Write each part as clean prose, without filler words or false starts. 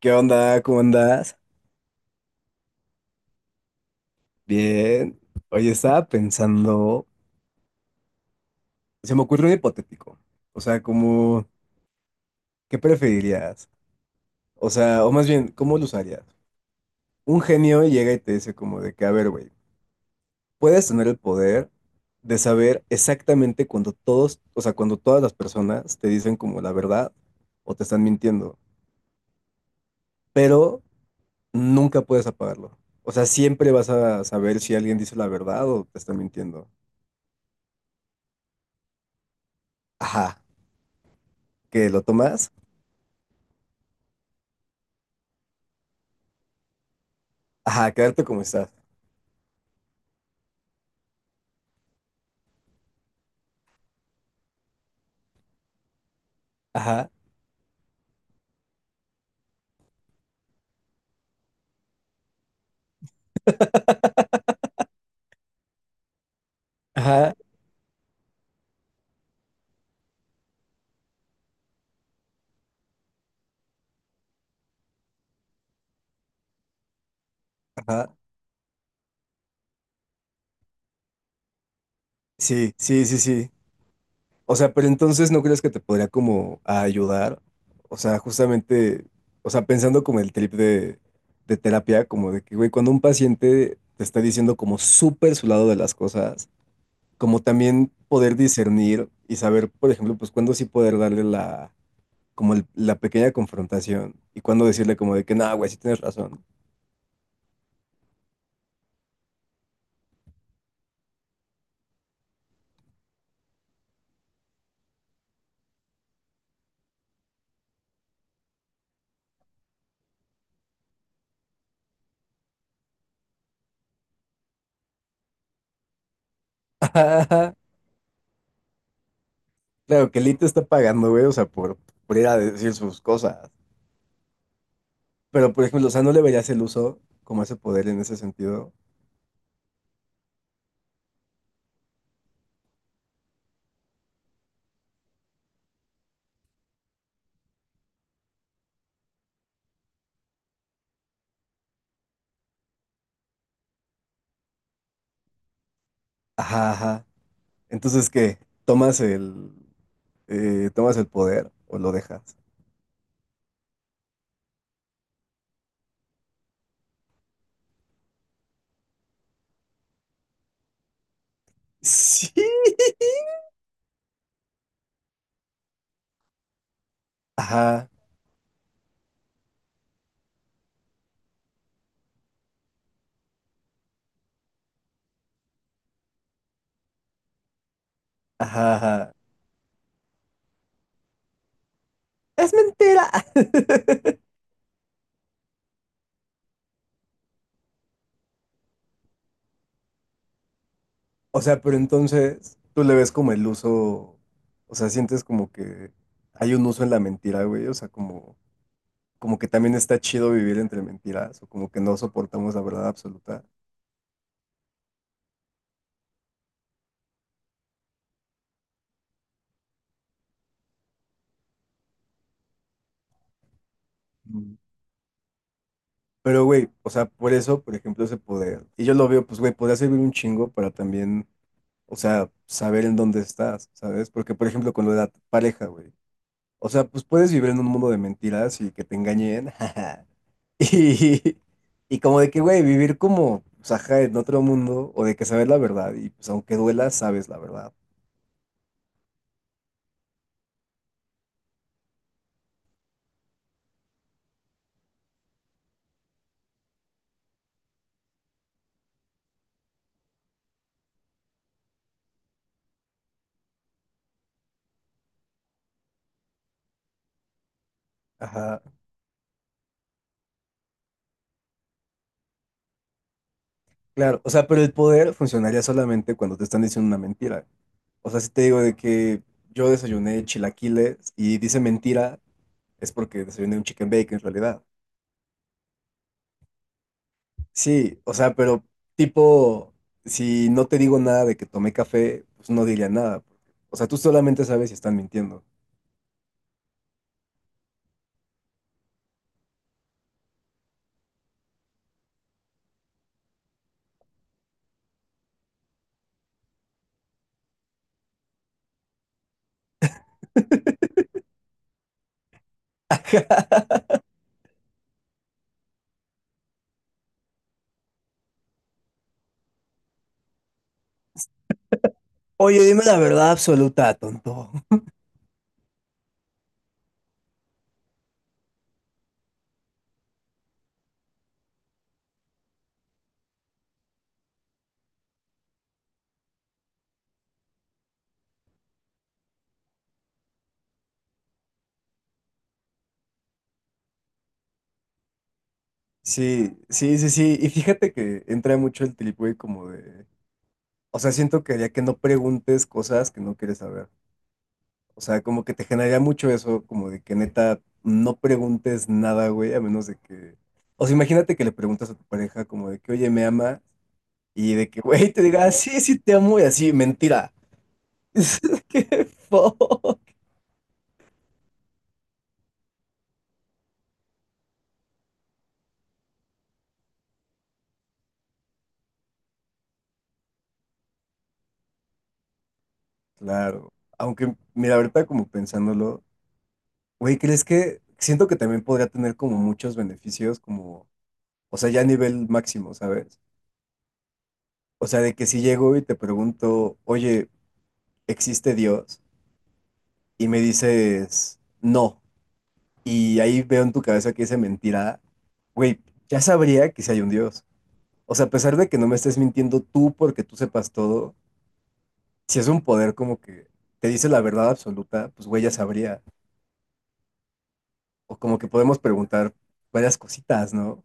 ¿Qué onda? ¿Cómo andas? Bien. Oye, estaba pensando, se me ocurrió un hipotético. O sea, como, ¿qué preferirías? O sea, o más bien, ¿cómo lo usarías? Un genio llega y te dice como de que, a ver, güey, puedes tener el poder de saber exactamente cuando todos, o sea, cuando todas las personas te dicen como la verdad o te están mintiendo, pero nunca puedes apagarlo. O sea, siempre vas a saber si alguien dice la verdad o te está mintiendo. Ajá, ¿que lo tomas? Ajá, quedarte como estás. Ajá, ajá, ajá. Sí, sí, sí, sí. O sea, pero entonces no crees que te podría como ayudar. O sea, justamente, o sea, pensando como el trip de terapia, como de que, güey, cuando un paciente te está diciendo como súper su lado de las cosas, como también poder discernir y saber, por ejemplo, pues cuándo sí poder darle la, como la pequeña confrontación y cuándo decirle como de que, no, güey, sí tienes razón. Claro, que Lee está pagando, güey, o sea, por ir a decir sus cosas. Pero, por ejemplo, o sea, no le verías el uso como ese poder en ese sentido. Ajá, ajá. Entonces, ¿qué? ¿Tomas el, tomas el poder o lo dejas? Sí. Ajá, ajá, ajá. Es mentira. O sea, pero entonces tú le ves como el uso, o sea, sientes como que hay un uso en la mentira, güey, o sea, como, como que también está chido vivir entre mentiras, o como que no soportamos la verdad absoluta. Mm. Pero, güey, o sea, por eso, por ejemplo, ese poder. Y yo lo veo, pues, güey, podría servir un chingo para también, o sea, saber en dónde estás, ¿sabes? Porque, por ejemplo, con lo de la pareja, güey. O sea, pues puedes vivir en un mundo de mentiras y que te engañen. jaja. Y, y como de que, güey, vivir como, pues, ajá, en otro mundo, o de que saber la verdad, y pues aunque duela, sabes la verdad. Ajá, claro. O sea, pero el poder funcionaría solamente cuando te están diciendo una mentira. O sea, si te digo de que yo desayuné chilaquiles y dice mentira, es porque desayuné un chicken bake en realidad. Sí, o sea, pero tipo, si no te digo nada de que tomé café, pues no diría nada. O sea, tú solamente sabes si están mintiendo. Oye, dime la verdad absoluta, tonto. Sí, sí, sí, sí. Y fíjate que entra mucho el trip, güey, como de... O sea, siento que ya que no preguntes cosas que no quieres saber. O sea, como que te generaría mucho eso, como de que neta no preguntes nada, güey, a menos de que. O sea, imagínate que le preguntas a tu pareja como de que, oye, me ama, y de que, güey, te diga, "Ah, sí, sí te amo, y así, mentira. ¡Qué fo! Claro. Aunque, mira, ahorita como pensándolo, güey, ¿crees que siento que también podría tener como muchos beneficios, como, o sea, ya a nivel máximo, ¿sabes? O sea, de que si llego y te pregunto, oye, ¿existe Dios? Y me dices, no. Y ahí veo en tu cabeza que esa mentira, güey, ya sabría que si hay un Dios. O sea, a pesar de que no me estés mintiendo tú porque tú sepas todo, si es un poder como que te dice la verdad absoluta, pues güey, ya sabría. O como que podemos preguntar varias cositas, ¿no?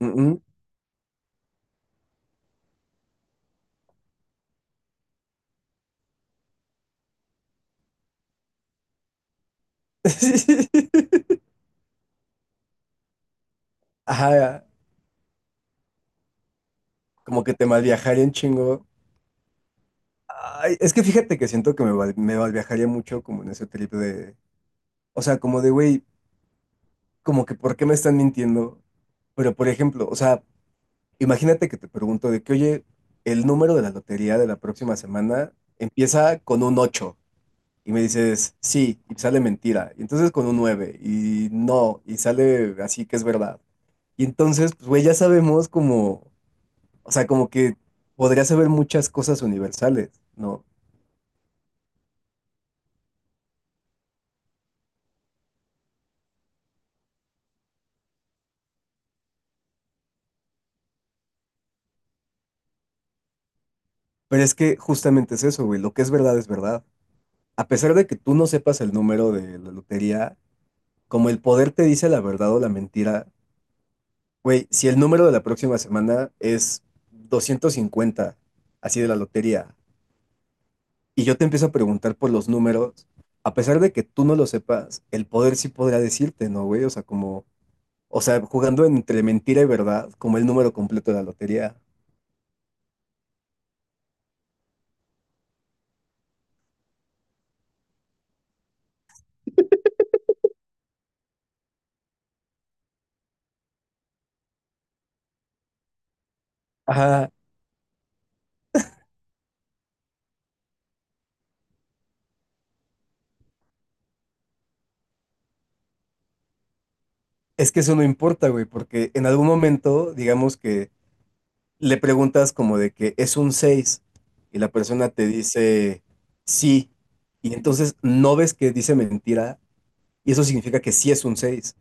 Mm, mm. Ajá, como que te malviajaría un chingo. Ay, es que fíjate que siento que me malviajaría mucho como en ese trip de, o sea, como de, güey, como que ¿por qué me están mintiendo? Pero por ejemplo, o sea, imagínate que te pregunto de que, oye, el número de la lotería de la próxima semana empieza con un 8 y me dices, sí, y sale mentira, y entonces con un 9 y no, y sale así que es verdad. Y entonces, pues, güey, ya sabemos como, o sea, como que podrías saber muchas cosas universales, ¿no? Pero es que justamente es eso, güey, lo que es verdad es verdad. A pesar de que tú no sepas el número de la lotería, como el poder te dice la verdad o la mentira. Güey, si el número de la próxima semana es 250, así de la lotería, y yo te empiezo a preguntar por los números, a pesar de que tú no lo sepas, el poder sí podrá decirte, ¿no, güey? O sea, como, o sea, jugando entre mentira y verdad, como el número completo de la lotería. Ajá, es que eso no importa, güey, porque en algún momento, digamos que le preguntas como de que es un 6 y la persona te dice sí, y entonces no ves que dice mentira. Y eso significa que sí es un seis.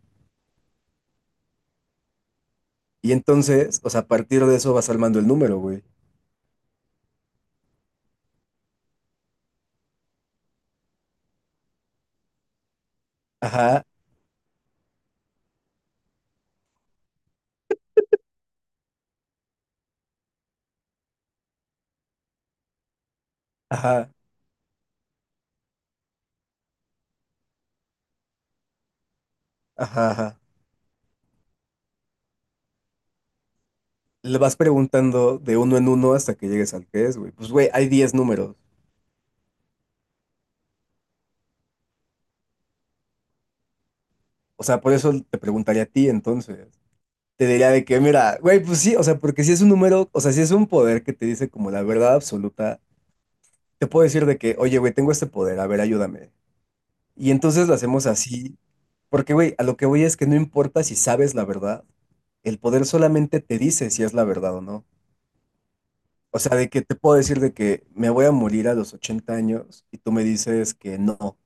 Y entonces, o sea, a partir de eso vas armando el número, güey. Ajá, ajá, ajá, ajá. Le vas preguntando de uno en uno hasta que llegues al que es, güey. Pues, güey, hay 10 números. O sea, por eso te preguntaría a ti entonces. Te diría de que, mira, güey, pues sí, o sea, porque si es un número, o sea, si es un poder que te dice como la verdad absoluta, te puedo decir de que, oye, güey, tengo este poder, a ver, ayúdame. Y entonces lo hacemos así, porque, güey, a lo que voy es que no importa si sabes la verdad, el poder solamente te dice si es la verdad o no. O sea, de que te puedo decir de que me voy a morir a los 80 años y tú me dices que no.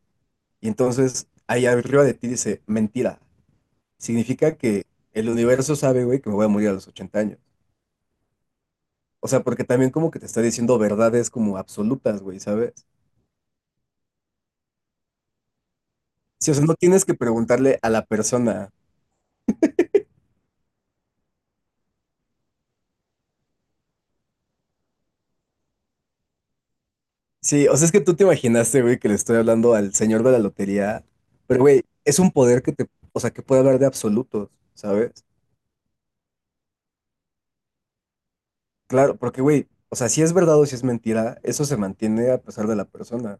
Y entonces ahí arriba de ti dice, mentira. Significa que el universo sabe, güey, que me voy a morir a los 80 años. O sea, porque también como que te está diciendo verdades como absolutas, güey, ¿sabes? Sí, o sea, no tienes que preguntarle a la persona. Sí, o sea, es que tú te imaginaste, güey, que le estoy hablando al señor de la lotería, pero, güey, es un poder que te, o sea, que puede hablar de absolutos, ¿sabes? Claro, porque, güey, o sea, si es verdad o si es mentira, eso se mantiene a pesar de la persona.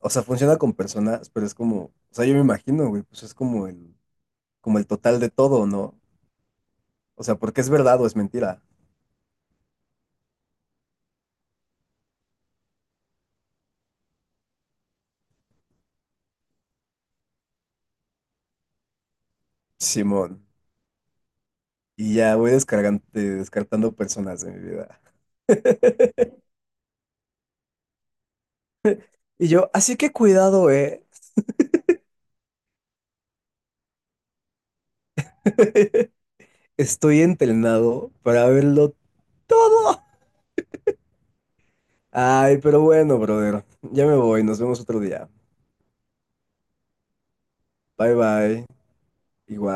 O sea, funciona con personas, pero es como, o sea, yo me imagino, güey, pues es como el total de todo, ¿no? O sea, porque es verdad o es mentira. Simón. Y ya voy descargando, descartando personas de mi vida. Y yo, así que cuidado, eh. Estoy entrenado para verlo todo. Ay, pero bueno, brother. Ya me voy. Nos vemos otro día. Bye bye. Igual.